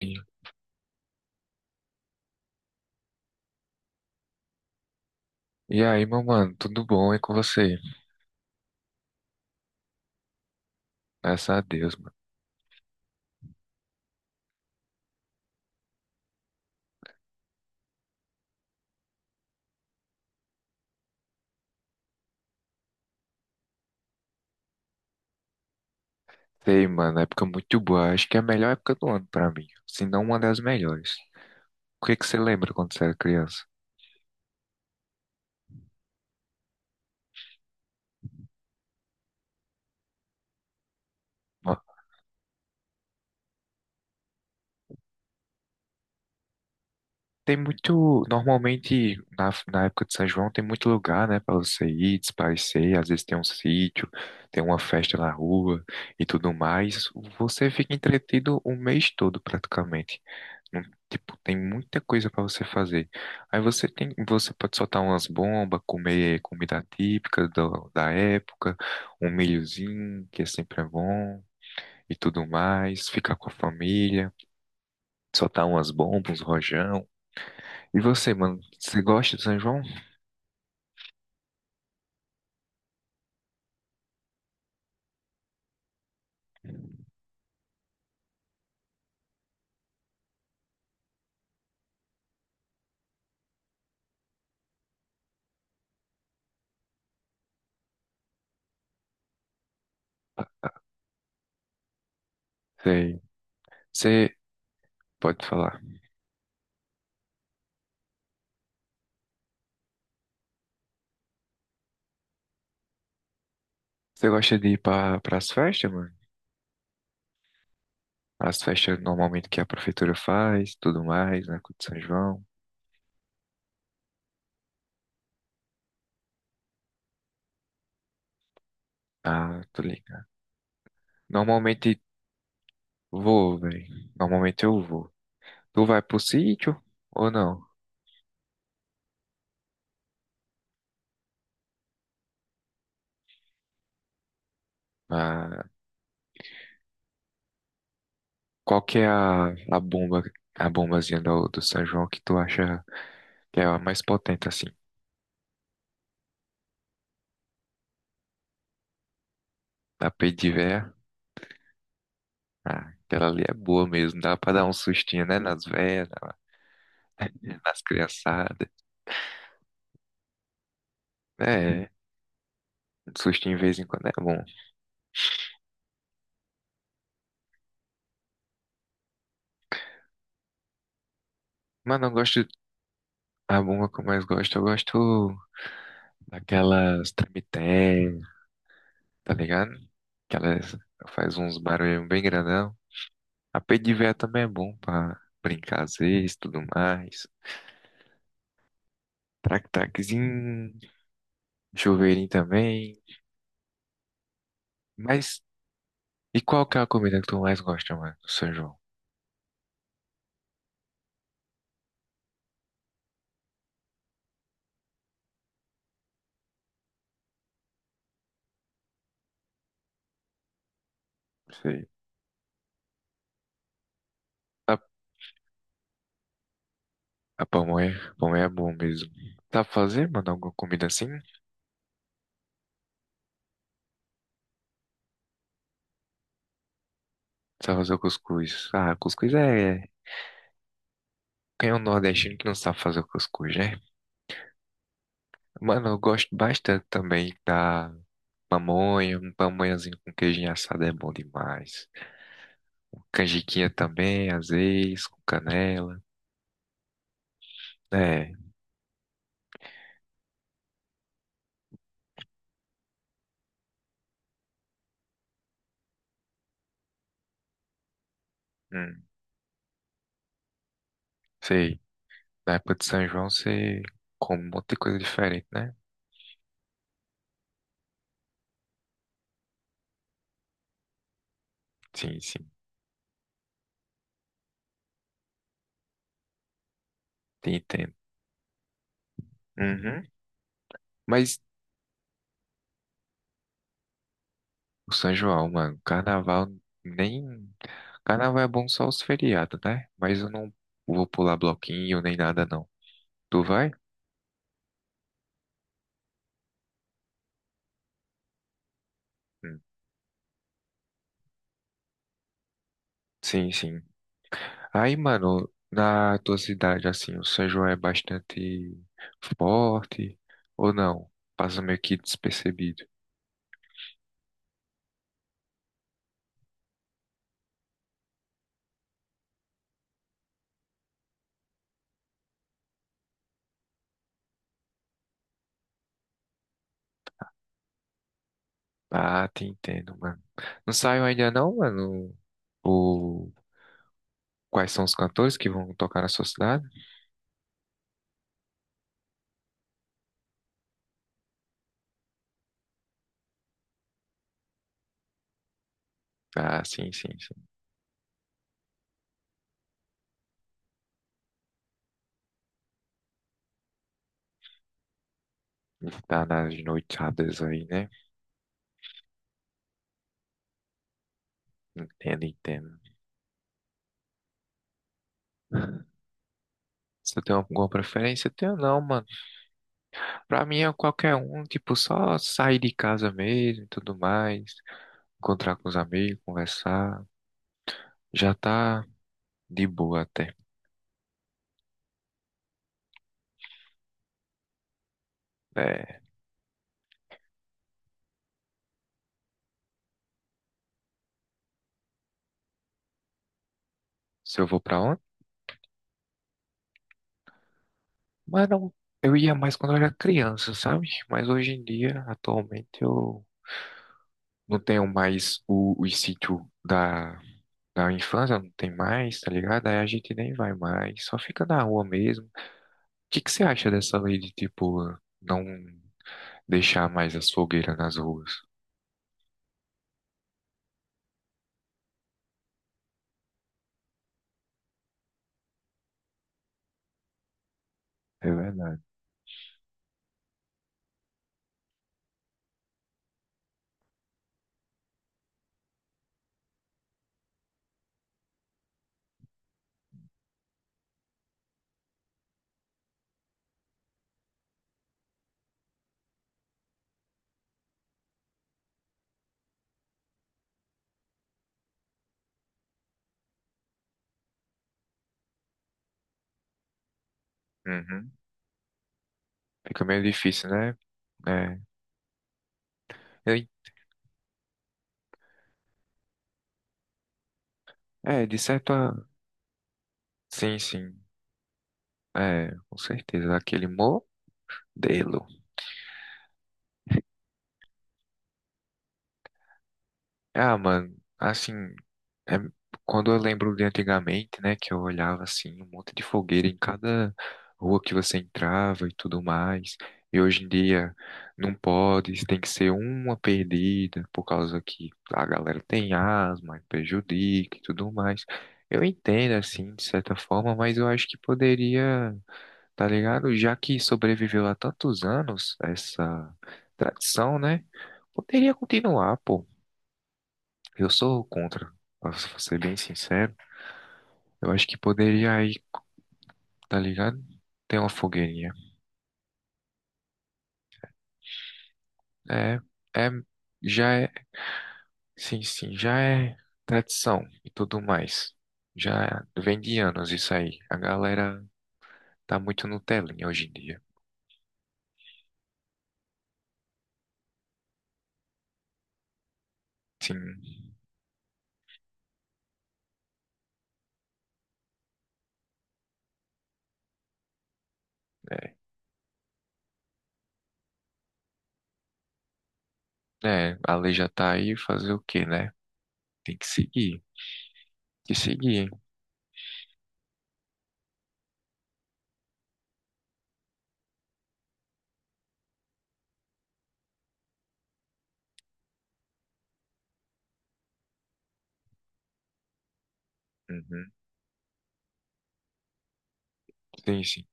E aí, meu mano, tudo bom? E com você? Graças a Deus, mano. Sei, mano, é época muito boa. Acho que é a melhor época do ano pra mim. Se não uma das melhores. O que que você lembra quando você era criança? Ó, tem muito. Normalmente, na época de São João, tem muito lugar, né, pra você ir, desaparecer. Às vezes tem um sítio, tem uma festa na rua e tudo mais. Você fica entretido o mês todo, praticamente. Não- Tipo, tem muita coisa pra você fazer. Aí você tem, você pode soltar umas bombas, comer comida típica da época, um milhozinho, que sempre é bom, e tudo mais, ficar com a família, soltar umas bombas, uns rojão. E você, mano, você gosta de São João? Sei. Você pode falar. Você gosta de ir para as festas, mano? As festas normalmente que a prefeitura faz, tudo mais, né, com o de São João. Ah, tô ligado. Normalmente Vou, velho. Normalmente eu vou. Tu vai pro sítio ou não? Ah, qual que é a bomba, a bombazinha do São João que tu acha que é a mais potente, assim? Da peito de véia? Ah, aquela ali é boa mesmo. Dá pra dar um sustinho, né? Nas velhas, nas criançadas. É, um sustinho de vez em quando é bom. Mas não gosto. A bomba que eu mais gosto, eu gosto daquelas tremitéias, tá ligado? Que elas faz uns barulhinhos bem grandão. A peito de véia também é bom pra brincar às vezes, tudo mais. Traque-traquezinho, chuveirinho também. Mas, e qual que é a comida que tu mais gosta, mano, do São João? Sei. A, a pamonha, pamonha é bom mesmo. Sabe fazer, mano, alguma comida assim? Sabe fazer o cuscuz? Ah, cuscuz é. Quem é um nordestino que não sabe fazer o cuscuz, né? Mano, eu gosto bastante também da pamonha. Um pamonhazinho com queijinho assado é bom demais. Canjiquinha também, às vezes, com canela. É, hum, sei. Na época de São João você come um monte de coisa diferente, né? Sim, sim, te entendo. Uhum. Mas o São João, mano, carnaval nem. Carnaval é bom só os feriados, né? Mas eu não vou pular bloquinho nem nada, não. Tu vai? Hum, Sim, sim. Aí, mano, na tua cidade, assim, o São João é bastante forte ou não? Passa meio que despercebido. Ah, te entendo, mano. Não saiu ainda não, mano, o... quais são os cantores que vão tocar na sua cidade? Ah, sim, sim, sim. Tá nas noitadas aí, né? Entendo, entendo. Você tem alguma preferência? Eu tenho não, mano. Pra mim é qualquer um, tipo, só sair de casa mesmo e tudo mais. Encontrar com os amigos, conversar. Já tá de boa até. É, se eu vou pra onde? Mano, eu ia mais quando eu era criança, sabe? Mas hoje em dia, atualmente, eu não tenho mais o sítio da, da infância, não tem mais, tá ligado? Aí a gente nem vai mais, só fica na rua mesmo. O que que você acha dessa lei de, tipo, não deixar mais as fogueiras nas ruas? É verdade. Uhum. Fica meio difícil, né? É, eu- é de certa. Sim, sim. É, com certeza. Aquele modelo. Ah, mano, assim, é- quando eu lembro de antigamente, né, que eu olhava assim, um monte de fogueira em cada rua que você entrava e tudo mais. E hoje em dia não pode, tem que ser uma perdida por causa que a galera tem asma, e prejudica e tudo mais. Eu entendo assim, de certa forma, mas eu acho que poderia, tá ligado? Já que sobreviveu há tantos anos essa tradição, né? Poderia continuar, pô. Eu sou contra, pra ser bem sincero. Eu acho que poderia aí, tá ligado? Ter uma fogueirinha. É, é, já é, sim, sim, já é tradição e tudo mais. Já vem de anos isso aí. A galera tá muito no telinho hoje em dia. Sim, é, é, a lei já tá aí, fazer o quê, né? Tem que seguir, tem que seguir, hein? Uhum, sim, sim.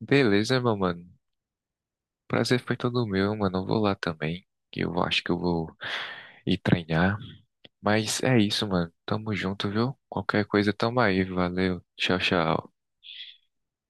Beleza, meu mano. Prazer foi todo meu, mano. Eu vou lá também. Que Eu acho que eu vou ir treinar. Mas é isso, mano. Tamo junto, viu? Qualquer coisa, tamo aí. Valeu. Tchau, tchau.